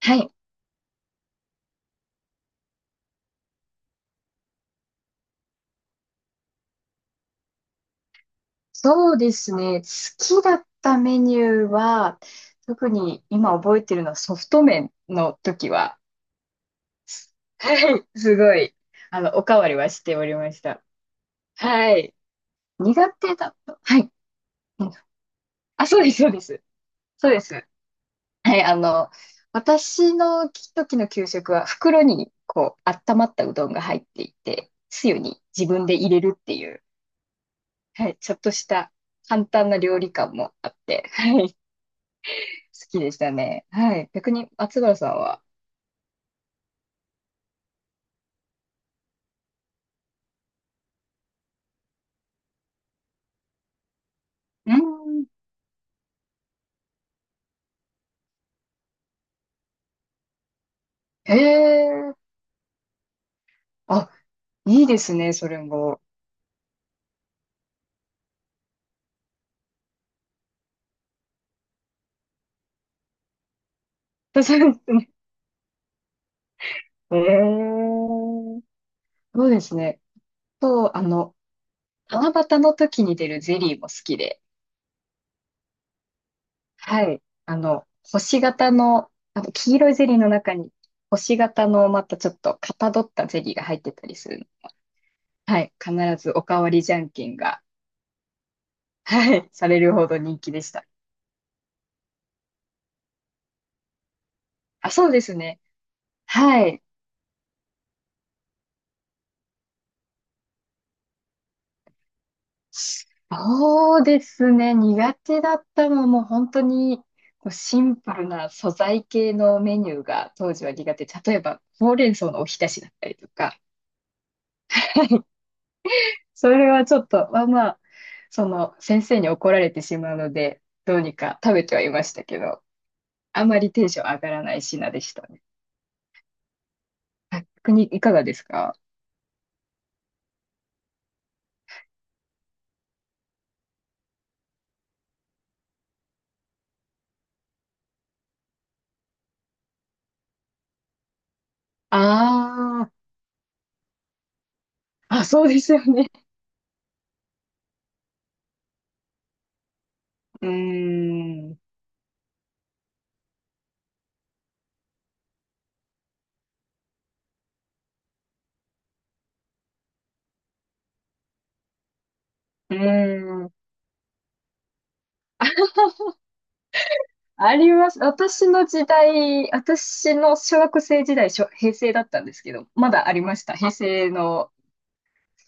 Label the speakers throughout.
Speaker 1: はい。そうですね。好きだったメニューは、特に今覚えてるのはソフト麺の時は、はい。すごい、おかわりはしておりました。はい。苦手だと。はい。うん、あ、そうです、そうです。そうです。はい。私の時の給食は袋に、こう、温まったうどんが入っていて、つゆに自分で入れるっていう、はい。ちょっとした簡単な料理感もあって、はい。きでしたね。はい。逆に、松原さんは。うん。へえ。あ、いいですね、それも。そうですね。へえ。そうですね。と、七夕の時に出るゼリーも好きで。はい。あの、星型の、あの、黄色いゼリーの中に、星型のまたちょっとかたどったゼリーが入ってたりするの。はい。必ずおかわりじゃんけんが、はい、されるほど人気でした。あ、そうですね。はい。そうですね。苦手だったのはもう本当にこうシンプルな素材系のメニューが当時は苦手。例えば、ほうれん草のおひたしだったりとか、それはちょっと、まあまあ、その先生に怒られてしまうので、どうにか食べてはいましたけど、あまりテンション上がらない品でしたね。逆にいかがですか？ああー、あ、そうですよね。うーん、うーん。あります。私の時代、私の小学生時代、しょ平成だったんですけど、まだありました。平成の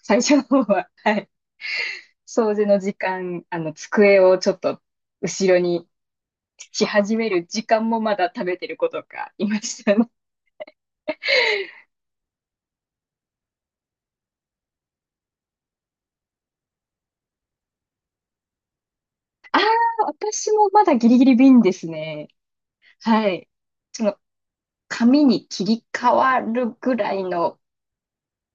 Speaker 1: 最初の方は。はい。掃除の時間、机をちょっと後ろにし始める時間もまだ食べてる子とかいましたね。ああ、私もまだギリギリ瓶ですね。はい。その、紙に切り替わるぐらいの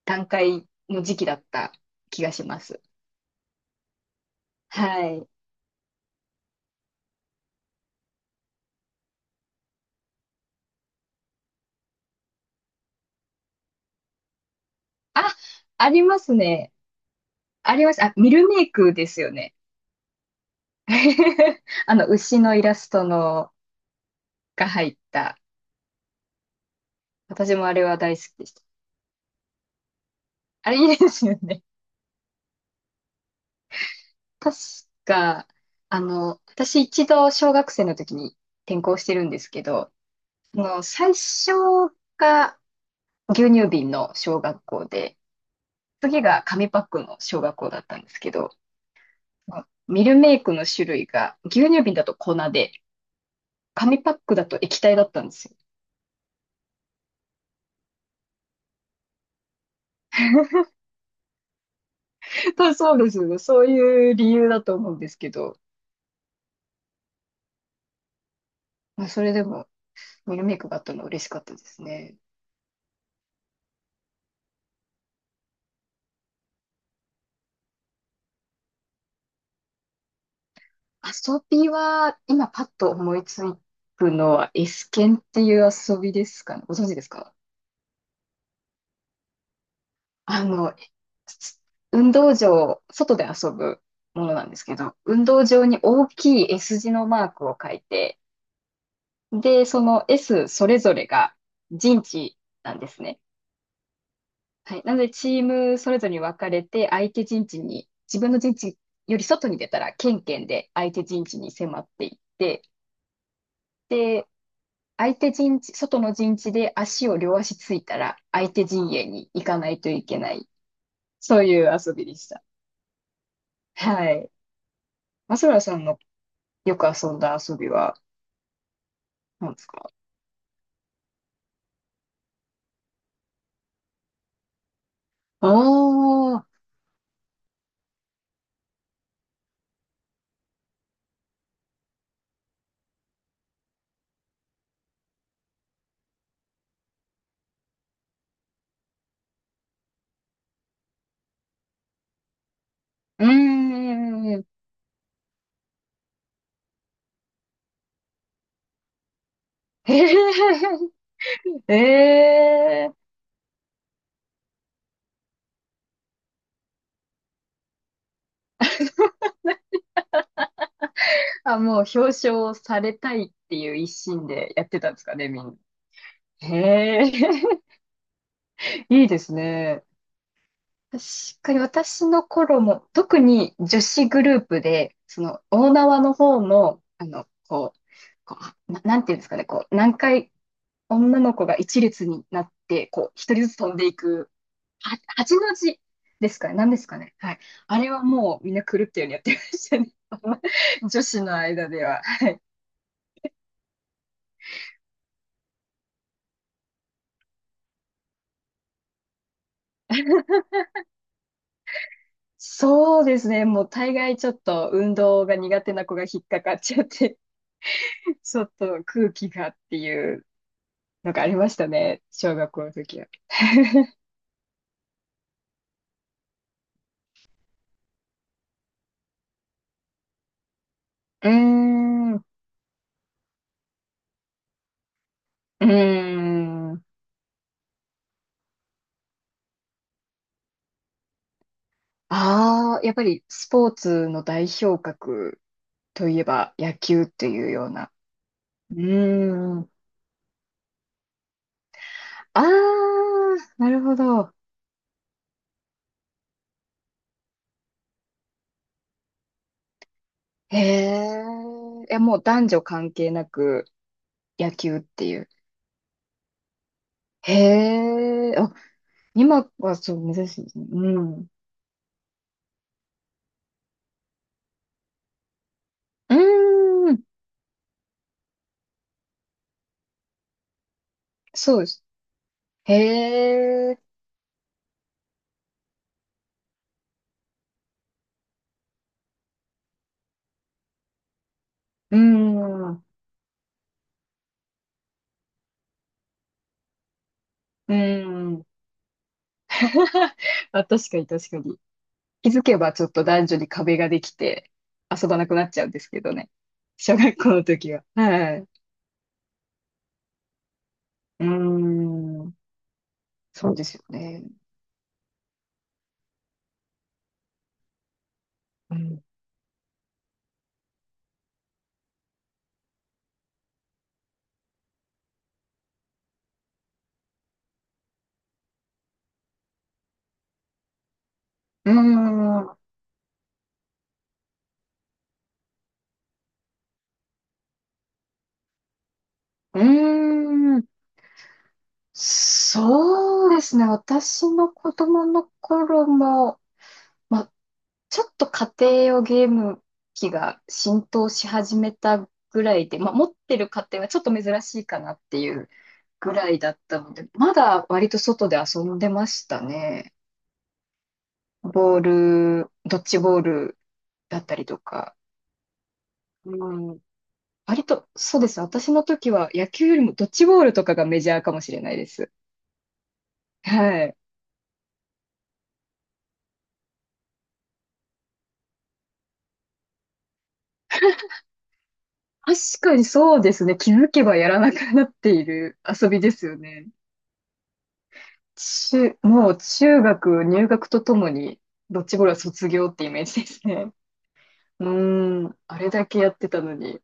Speaker 1: 段階の時期だった気がします。はい。あ、ありますね。ありました。あ、ミルメイクですよね。あの、牛のイラストのが入った。私もあれは大好きでした。あれいいですよね。確か、私一度小学生の時に転校してるんですけど、その最初が牛乳瓶の小学校で、次が紙パックの小学校だったんですけど、ミルメイクの種類が牛乳瓶だと粉で、紙パックだと液体だったんですよ。あ、そうですよね。そういう理由だと思うんですけど、まあ、それでも、ミルメイクがあったのは嬉しかったですね。遊びは、今パッと思いつくのは、エスケンっていう遊びですかね。ご存知ですか？あの、運動場、外で遊ぶものなんですけど、運動場に大きい S 字のマークを書いて、で、その S それぞれが陣地なんですね。はい。なので、チームそれぞれに分かれて、相手陣地に、自分の陣地より外に出たら、ケンケンで相手陣地に迫っていって、で、相手陣地、外の陣地で足を両足ついたら、相手陣営に行かないといけない。そういう遊びでした。はい。松村さんのよく遊んだ遊びは何ですか？おー、うーん。へえ、えー。あ、もう表彰されたいっていう一心でやってたんですかね、みんな。へえ、いいですね。確かに私の頃も、特に女子グループで、その大縄の方の、あの、こう、こうな、なんていうんですかね、こう、何回女の子が一列になって、こう、一人ずつ飛んでいく、は、八の字ですかね、何ですかね。はい。あれはもうみんな狂ったようにやってましたね。女子の間では。そうですね。もう大概ちょっと運動が苦手な子が引っかかっちゃって、ちょっと空気がっていうのがありましたね。小学校の時は。うーん、うーん。ああ、やっぱりスポーツの代表格といえば野球っていうような。うーん。ああ、なるほど。へえ。いや、もう男女関係なく野球っていう。へえ。今はそう、珍しいですね。うん。うーん。そうです。へえ。うーん。うーん。あ、確かに確かに。気づけばちょっと男女に壁ができて遊ばなくなっちゃうんですけどね。小学校の時は。はい。うーん。そうですよね。うん。うーん。うーん。そうですね。私の子供の頃も、まちょっと家庭用ゲーム機が浸透し始めたぐらいで、まあ、持ってる家庭はちょっと珍しいかなっていうぐらいだったので、まだ割と外で遊んでましたね。ボール、ドッジボールだったりとか。うん、割と、そうです。私の時は野球よりもドッジボールとかがメジャーかもしれないです。はい。確かにそうですね。気づけばやらなくなっている遊びですよね。中、もう中学入学とともに、ドッジボールは卒業ってイメージですね。うーん、あれだけやってたのに。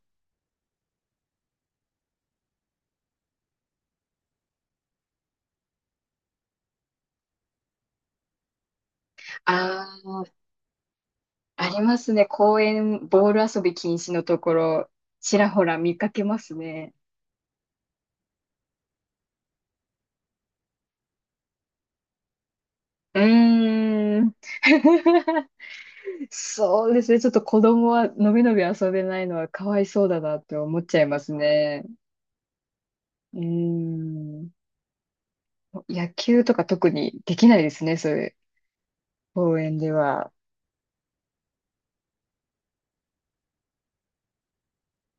Speaker 1: ああ、ありますね。公園、ボール遊び禁止のところ、ちらほら見かけますね。うーん。そうですね。ちょっと子供はのびのび遊べないのはかわいそうだなって思っちゃいますね。うーん。野球とか特にできないですね、そういう公園では。